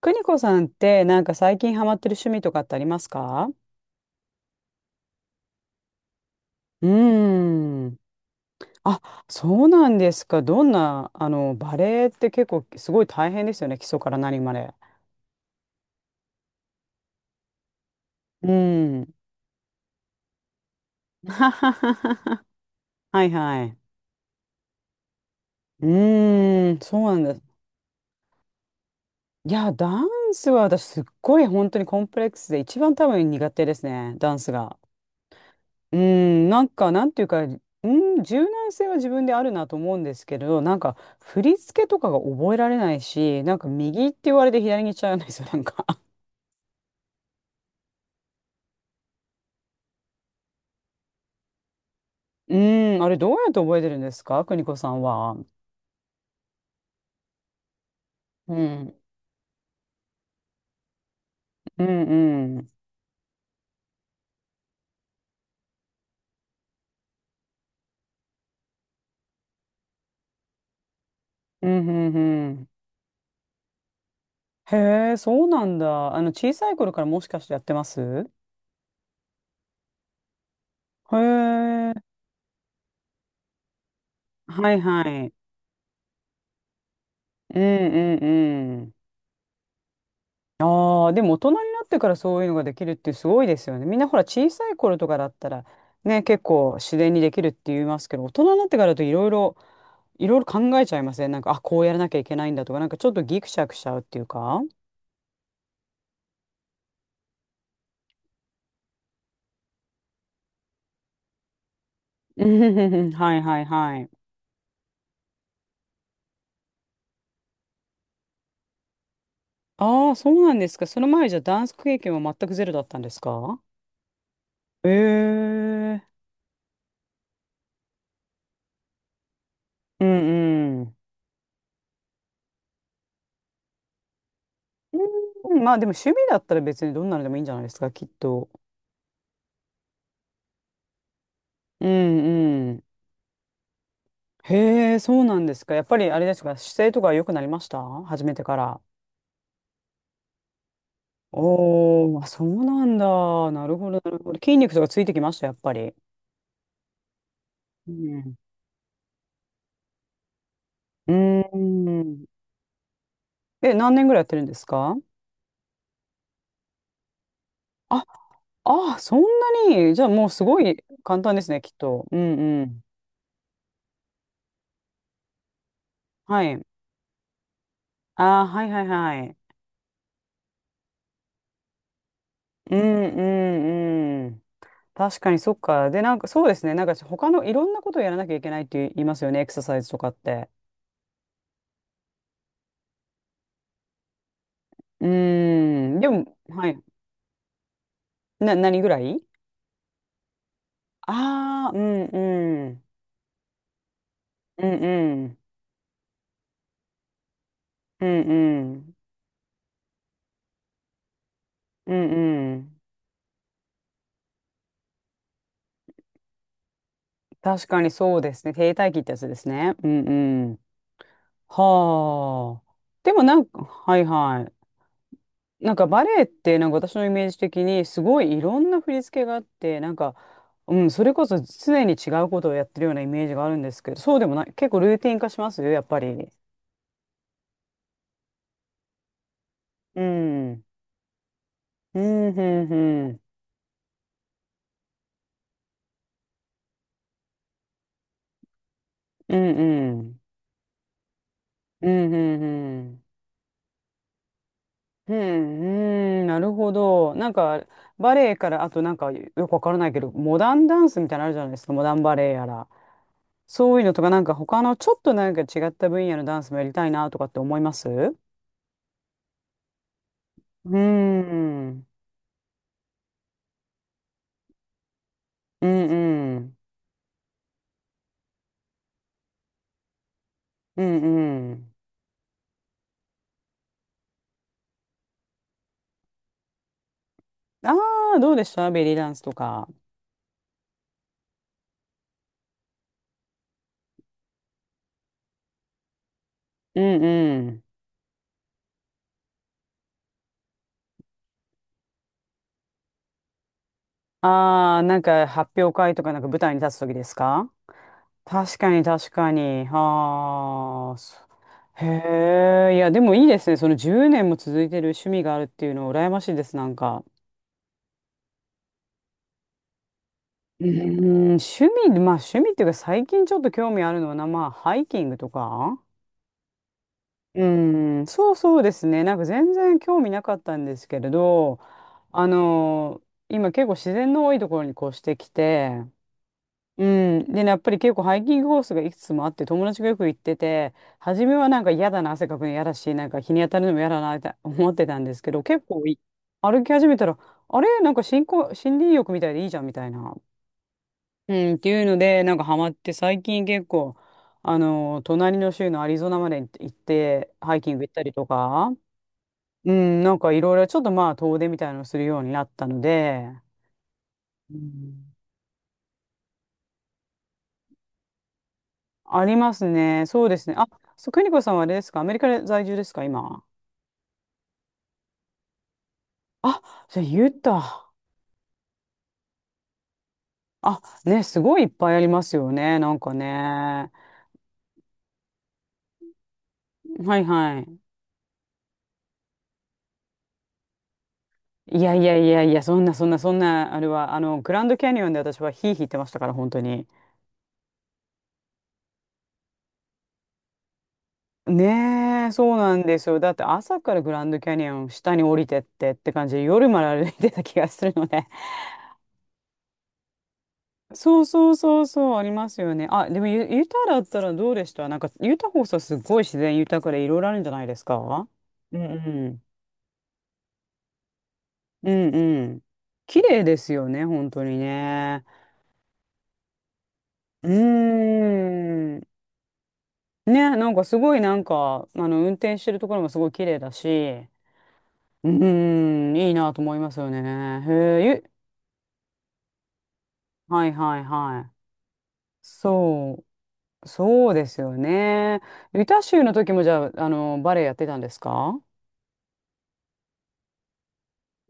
邦子さんってなんか最近ハマってる趣味とかってありますか？うーん。あ、そうなんですか。どんな、バレエって結構すごい大変ですよね。基礎から何まで。うーん。はいはい。うーん、そうなんです。いや、ダンスは私すっごい本当にコンプレックスで一番多分苦手ですね。ダンスが。うん、なんか、なんていうか、うん、柔軟性は自分であるなと思うんですけど、なんか、振り付けとかが覚えられないし、なんか、右って言われて左に行っちゃうんですよ、なんか。うん、あれ、どうやって覚えてるんですか、邦子さんは？うん、うん、うん、うん、うんうん。へえ、そうなんだ。あの、小さい頃からもしかしてやってます？へえ、はいはい。うん、うん、うん。ああ、でも大人になってからそういうのができるってすごいですよね。みんなほら小さい頃とかだったらね、結構自然にできるって言いますけど、大人になってからだといろいろ、いろいろ考えちゃいません？なんか、あ、こうやらなきゃいけないんだとか、なんかちょっとギクシャクしちゃうっていうか。うんうんうんうん、はいはいはい。ああ、そうなんですか。その前じゃダンス経験は全くゼロだったんですか？ええ、うんうん。うん、まあでも趣味だったら別にどんなのでもいいんじゃないですか、きっと。うん、へえ、そうなんですか。やっぱりあれですか、姿勢とか良くなりました？初めてから。おー、あ、そうなんだ。なるほど、なるほど。筋肉とかついてきました、やっぱり？うん。うーん。え、何年ぐらいやってるんですか？あ、あ、そんなに。じゃあもうすごい簡単ですね、きっと。うんうん。はい。あー、はいはいはい。うんうんうん。確かにそっか。で、なんかそうですね。なんか他のいろんなことをやらなきゃいけないって言いますよね、エクササイズとかって。うーん。でも、はい。何ぐらい？ああー、うんうん。うんうん。うんうん。うんうん。確かにそうですね。停滞期ってやつですね。うんうん。はあ。でもなんか、はいはい。なんかバレエってなんか私のイメージ的にすごいいろんな振り付けがあってなんか、うん、それこそ常に違うことをやってるようなイメージがあるんですけど、そうでもない？結構ルーティン化しますよ、やっぱり。うん。うんうんうん。うんうん。うんうんうん。うん、うん、なるほど。なんか、バレエから、あとなんか、よくわからないけど、モダンダンスみたいなのあるじゃないですか、モダンバレエやら。そういうのとか、なんか他のちょっとなんか違った分野のダンスもやりたいなとかって思います？うーん。うんうん。うんうん。ああ、どうでした、ベリーダンスとか？うんうん。ああ、なんか発表会とかなんか舞台に立つ時ですか？確かに確かに。ああ、そ、へえ。いやでもいいですね。その10年も続いてる趣味があるっていうのは羨ましいです、なんか。うーん、趣味、まあ趣味っていうか最近ちょっと興味あるのはな、まあハイキングとか。うーん、そう、そうですね。なんか全然興味なかったんですけれど、あの、今結構自然の多いところに越してきて、うん。でね、やっぱり結構ハイキングコースがいくつもあって、友達がよく行ってて、初めはなんか嫌だな、汗かくの嫌だし、なんか日に当たるのも嫌だなって思ってたんですけど、結構歩き始めたら、あれ、なんか新興、森林浴みたいでいいじゃんみたいな。うん、っていうので、なんかハマって、最近結構、あの、隣の州のアリゾナまで行って、ハイキング行ったりとか、うん、なんかいろいろちょっとまあ遠出みたいなのをするようになったので、うん、ありますね。そうですね。あ、そう、邦子さんはあれですか、アメリカで在住ですか今？あ、じゃあユタ。あ、ね、すごいいっぱいありますよね。なんかね。はいはい。いやいやいやいや、そんなそんなそんな、あれは、あの、グランドキャニオンで私はヒーヒー言ってましたから、本当に。ねえ、そうなんですよ。だって朝からグランドキャニオン下に降りてってって感じで、夜まで歩いてた気がするので。そうそうそうそう、ありますよね。あ、でもユタだったらどうでした、なんか、ユタ放送すごい自然豊かでいろいろあるんじゃないですか？うんうん。うんうん。綺麗ですよね、本当にね。うーん。ね、なんかすごいなんか、あの、運転してるところもすごい綺麗だし、うーん、いいなと思いますよね。へえ、はいはいはい。そう、そうですよね。ユタ州の時もじゃあ、あの、バレエやってたんですか？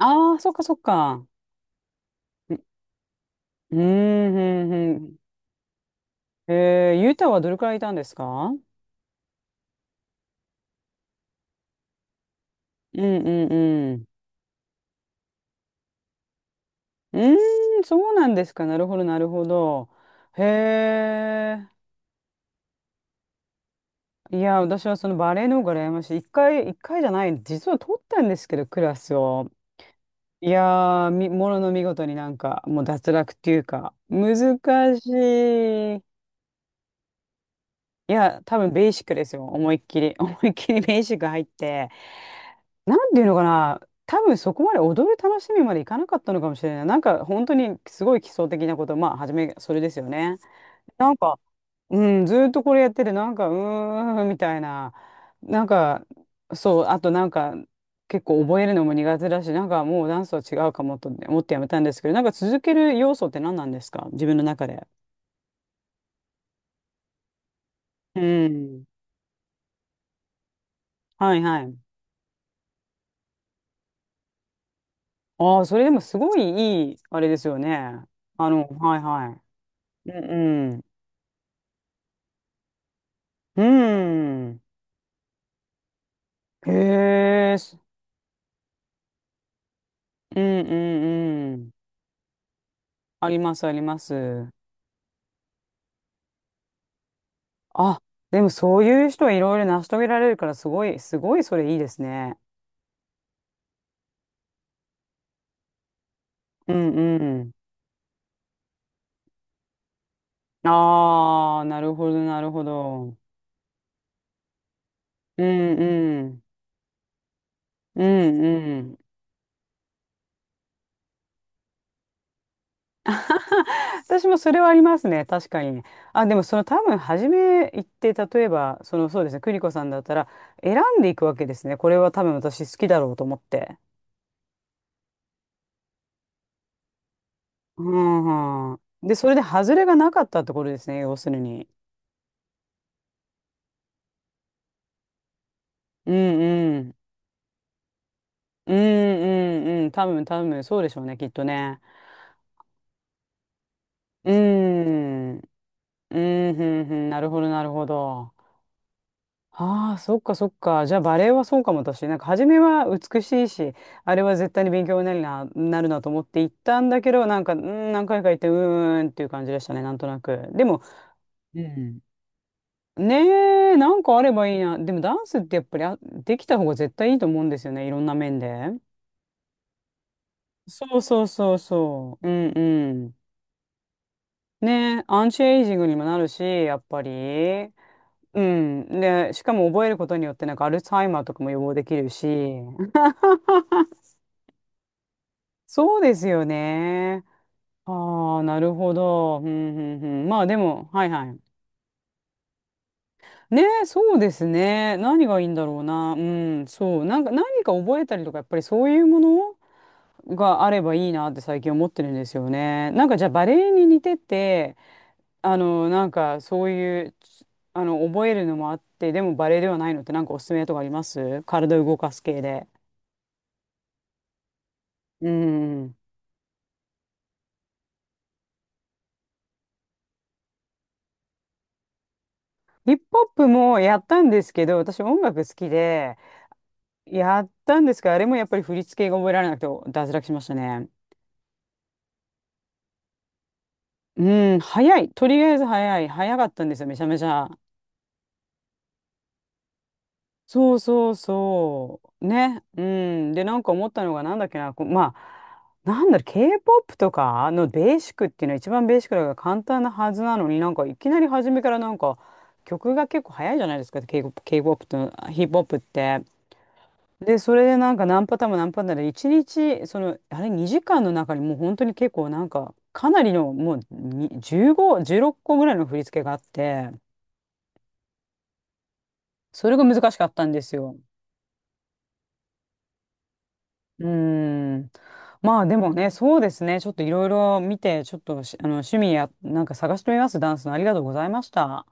ああ、そっかそっか。ううーん、うん、うん。ユタはどれくらいいたんですか？うんうんうん。うーん、そうなんですか。なるほど、なるほど。へえ。いや、私はそのバレエの方が羨ましい。一回、一回じゃない、実は取ったんですけど、クラスを。いやー、ものの見事になんか、もう脱落っていうか、難しい。いや、多分ベーシックですよ。思いっきり。思いっきりベーシック入って。なんていうのかな、多分そこまで踊る楽しみまでいかなかったのかもしれない。なんか本当にすごい基礎的なこと、まあ、初め、それですよね。なんか、うん、ずーっとこれやってて、なんか、うーん、みたいな。なんか、そう、あとなんか、結構覚えるのも苦手だし、なんかもうダンスは違うかもと思ってやめたんですけど、なんか続ける要素って何なんですか、自分の中で？うん。はいはい。ああ、それでもすごいいい、あれですよね。あの、はいはい。うんうん。うん。へえ、うんうんうん。ありますあります。あ、でもそういう人はいろいろ成し遂げられるから、すごい、すごいそれいいですね。うんうん。ああ、なるほどなるほど。うんうん。うんうん。私もそれはありますね。確かにね。あ、でもその多分初め行って、例えば、そのそうですね、邦子さんだったら選んでいくわけですね。これは多分私好きだろうと思って。うんうん。で、それで外れがなかったってことですね、要するに。うんうん。うんうんうん。多分多分そうでしょうね、きっとね。うん。うんうんうん。なるほど、なるほど。ああ、そっかそっか。じゃあバレエはそうかも私。なんか初めは美しいし、あれは絶対に勉強になるな、なるなと思って行ったんだけど、なんか、うん、何回か行って、うーんっていう感じでしたね、なんとなく。でも、うん。ねえ、なんかあればいいな。でもダンスってやっぱりできた方が絶対いいと思うんですよね。いろんな面で。そうそうそうそう。うんうん。ねえ、アンチエイジングにもなるし、やっぱり。うん。で、しかも覚えることによってなんかアルツハイマーとかも予防できるし。そうですよね。ああ、なるほど。うんうんうん。まあでも、はいはい。ねえ、そうですね。何がいいんだろうな。うん、そう。なんか何か覚えたりとか、やっぱりそういうものがあればいいなって最近思ってるんですよね。なんかじゃあバレエに似てて、あの、なんかそういう、あの、覚えるのもあって、でもバレエではないのってなんかおすすめとかあります、体を動かす系で？うん。ヒップホップもやったんですけど、私音楽好きで、やったんですけど、あれもやっぱり振り付けが覚えられなくて脱落しましたね。うん、早い。とりあえず早い。早かったんですよ、めちゃめちゃ。そうそうそう。ね。うん。で、なんか思ったのが、なんだっけな、こうまあ、なんだろう、K-POP とかのベーシックっていうのは一番ベーシックだから簡単なはずなのに、なんかいきなり初めからなんか曲が結構早いじゃないですか、K-POP、K-POP とヒップホップって。で、それでなんか何パターンも何パターンで、一日、その、あれ2時間の中にもう本当に結構なんか、かなりのもうに15、16個ぐらいの振り付けがあって、それが難しかったんですよ。うーん。まあでもね、そうですね。ちょっといろいろ見て、ちょっとしあの趣味や、なんか探してみます。ダンスの。ありがとうございました。